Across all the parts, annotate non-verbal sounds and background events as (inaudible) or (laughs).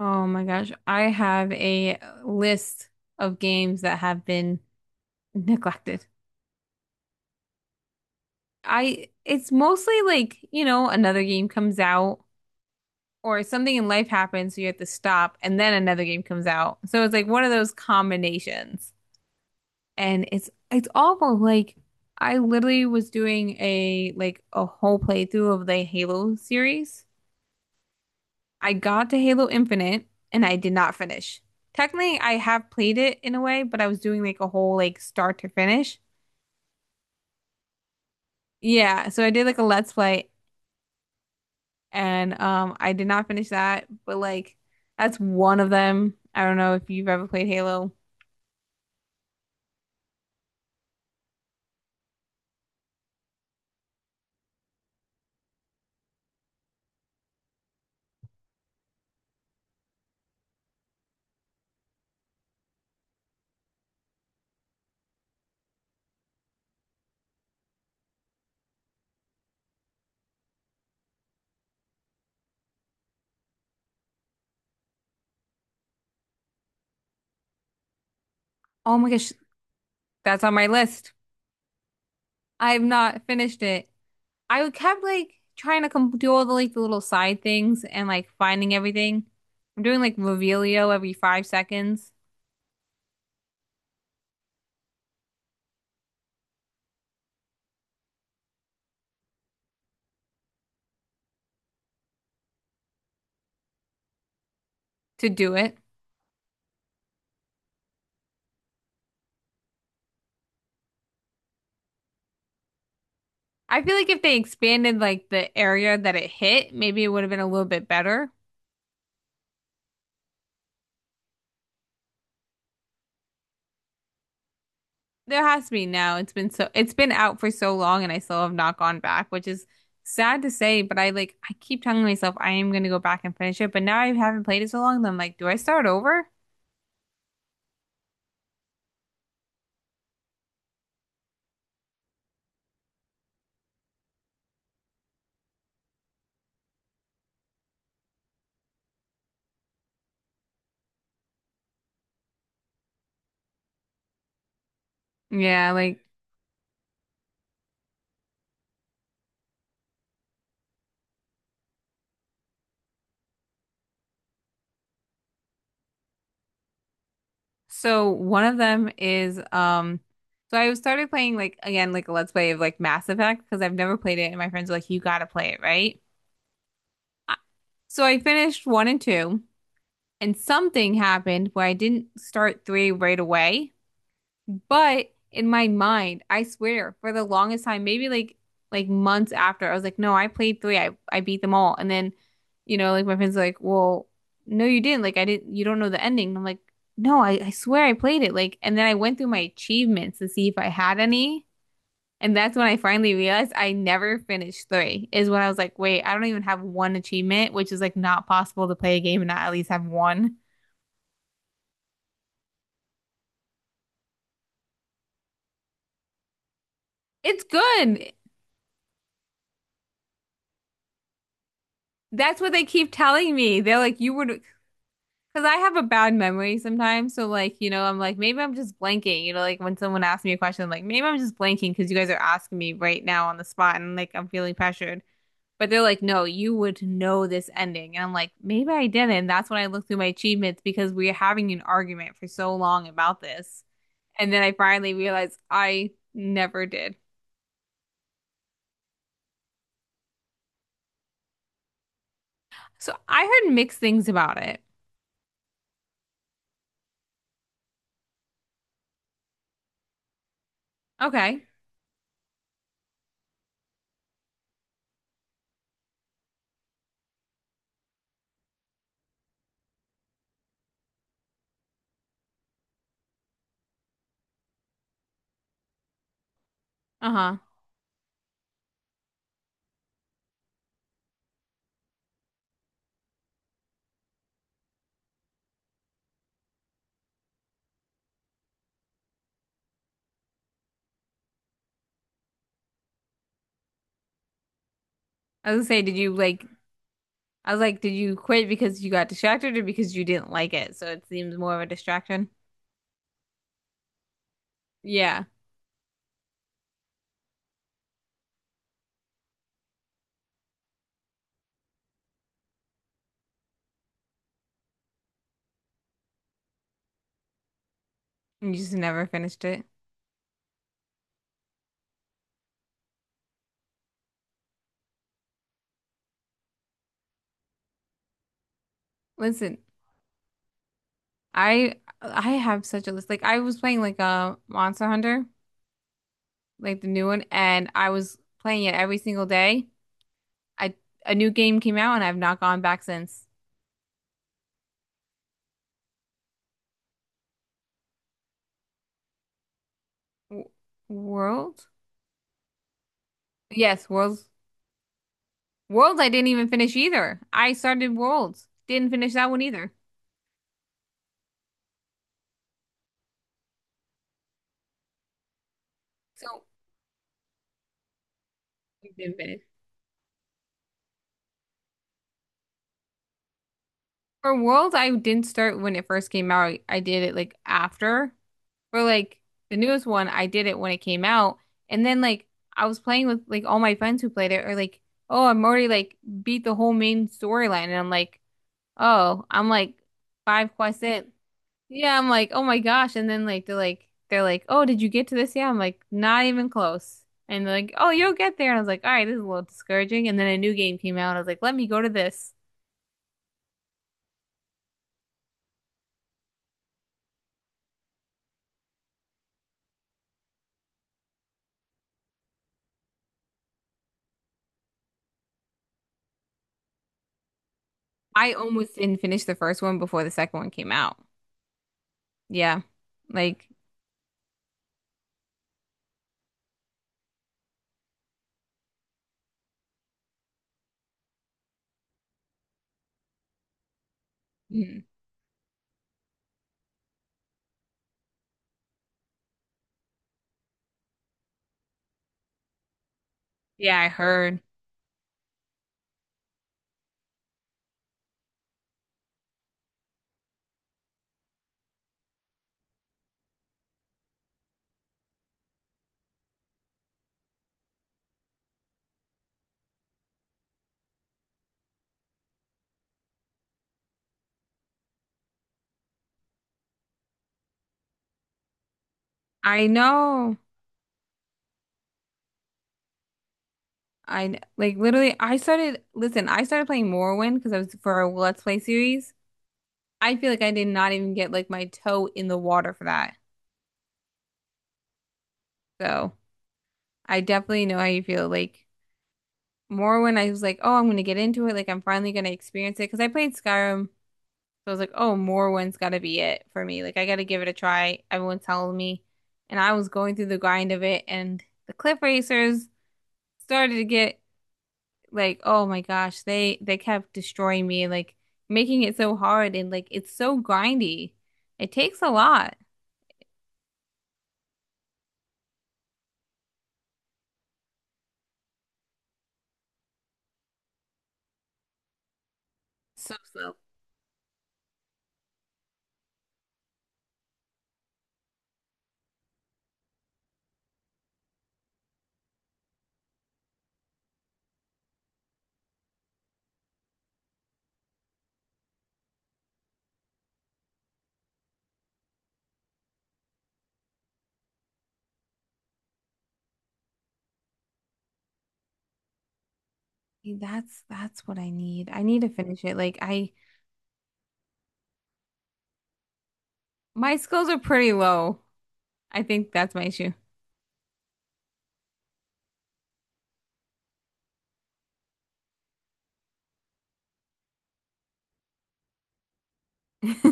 Oh my gosh, I have a list of games that have been neglected. I it's mostly like, you know, another game comes out or something in life happens, so you have to stop and then another game comes out. So it's like one of those combinations. And it's awful. Like I literally was doing a whole playthrough of the Halo series. I got to Halo Infinite and I did not finish. Technically, I have played it in a way, but I was doing like a whole like start to finish. Yeah, so I did like a Let's Play and I did not finish that, but like that's one of them. I don't know if you've ever played Halo. Oh my gosh, that's on my list. I've not finished it. I kept like trying to com do all the little side things and like finding everything. I'm doing like Revelio every 5 seconds to do it. I feel like if they expanded like the area that it hit, maybe it would have been a little bit better. There has to be now. It's been so it's been out for so long and I still have not gone back, which is sad to say, but I like I keep telling myself I am gonna go back and finish it, but now I haven't played it so long that I'm like, do I start over? Yeah, like so one of them is so I started playing like again like a Let's Play of like Mass Effect because I've never played it and my friends are like, you gotta play it, right? So I finished one and two. And something happened where I didn't start three right away, but in my mind, I swear, for the longest time, maybe like months after, I was like, no, I played three. I beat them all. And then, you know, like my friends are like, well, no, you didn't. Like I didn't. You don't know the ending. And I'm like, no, I swear I played it. Like, and then I went through my achievements to see if I had any. And that's when I finally realized I never finished three, is when I was like, wait, I don't even have one achievement, which is like not possible to play a game and not at least have one. It's good. That's what they keep telling me. They're like, you would, because I have a bad memory sometimes. So, like, you know, I'm like, maybe I'm just blanking. You know, like when someone asks me a question, I'm like, maybe I'm just blanking because you guys are asking me right now on the spot and like I'm feeling pressured. But they're like, no, you would know this ending. And I'm like, maybe I didn't. That's when I look through my achievements because we're having an argument for so long about this. And then I finally realized I never did. So I heard mixed things about it. Okay. Uh-huh. I was gonna say, did you like I was like, did you quit because you got distracted or because you didn't like it? So it seems more of a distraction. Yeah. And you just never finished it. Listen, I I have such a list. Like I was playing like a Monster Hunter, like the new one, and I was playing it every single day. I a new game came out and I've not gone back since. W World? Yes, Worlds. Worlds I didn't even finish either. I started Worlds. Didn't finish that one either. So you didn't finish. For Worlds, I didn't start when it first came out. I did it like after. For like the newest one, I did it when it came out. And then like I was playing with like all my friends who played it are like, oh, I'm already like beat the whole main storyline. And I'm like, oh, I'm like five quests in. Yeah, I'm like, oh my gosh. And then like they're like, oh, did you get to this? Yeah, I'm like, not even close. And they're like, oh, you'll get there. And I was like, all right, this is a little discouraging. And then a new game came out. I was like, let me go to this. I almost didn't finish the first one before the second one came out. Yeah. Like, mhm. Yeah, I heard. I know. I kn- like literally I started listen, I started playing Morrowind because I was for a Let's Play series. I feel like I did not even get like my toe in the water for that. So I definitely know how you feel. Like Morrowind, I was like, oh, I'm gonna get into it. Like I'm finally gonna experience it because I played Skyrim. So I was like, oh, Morwin's gotta be it for me. Like I gotta give it a try. Everyone's telling me. And I was going through the grind of it and the Cliff Racers started to get like, oh my gosh, they kept destroying me, like making it so hard and like it's so grindy. It takes a lot. So slow. That's what I need. I need to finish it. Like I my skills are pretty low. I think that's my issue. (laughs)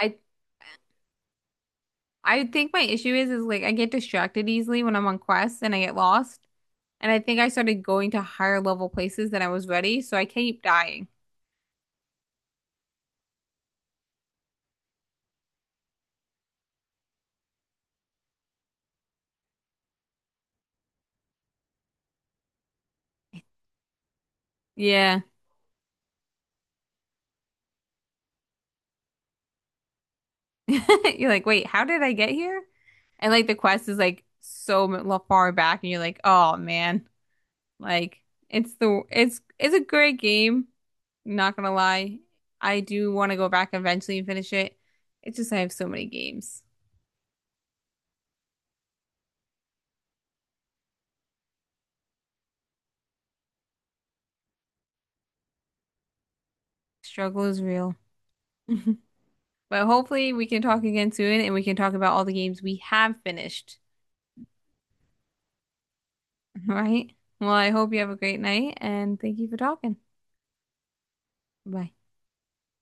I I think my issue is like I get distracted easily when I'm on quests and I get lost. And I think I started going to higher level places than I was ready, so I keep dying. Yeah. (laughs) You're like, wait, how did I get here? And like the quest is like far back, and you're like, oh man, like it's the it's a great game. Not gonna lie, I do want to go back eventually and finish it. It's just I have so many games. Struggle is real. (laughs) But hopefully we can talk again soon and we can talk about all the games we have finished. Right? Well, I hope you have a great night and thank you for talking. Bye.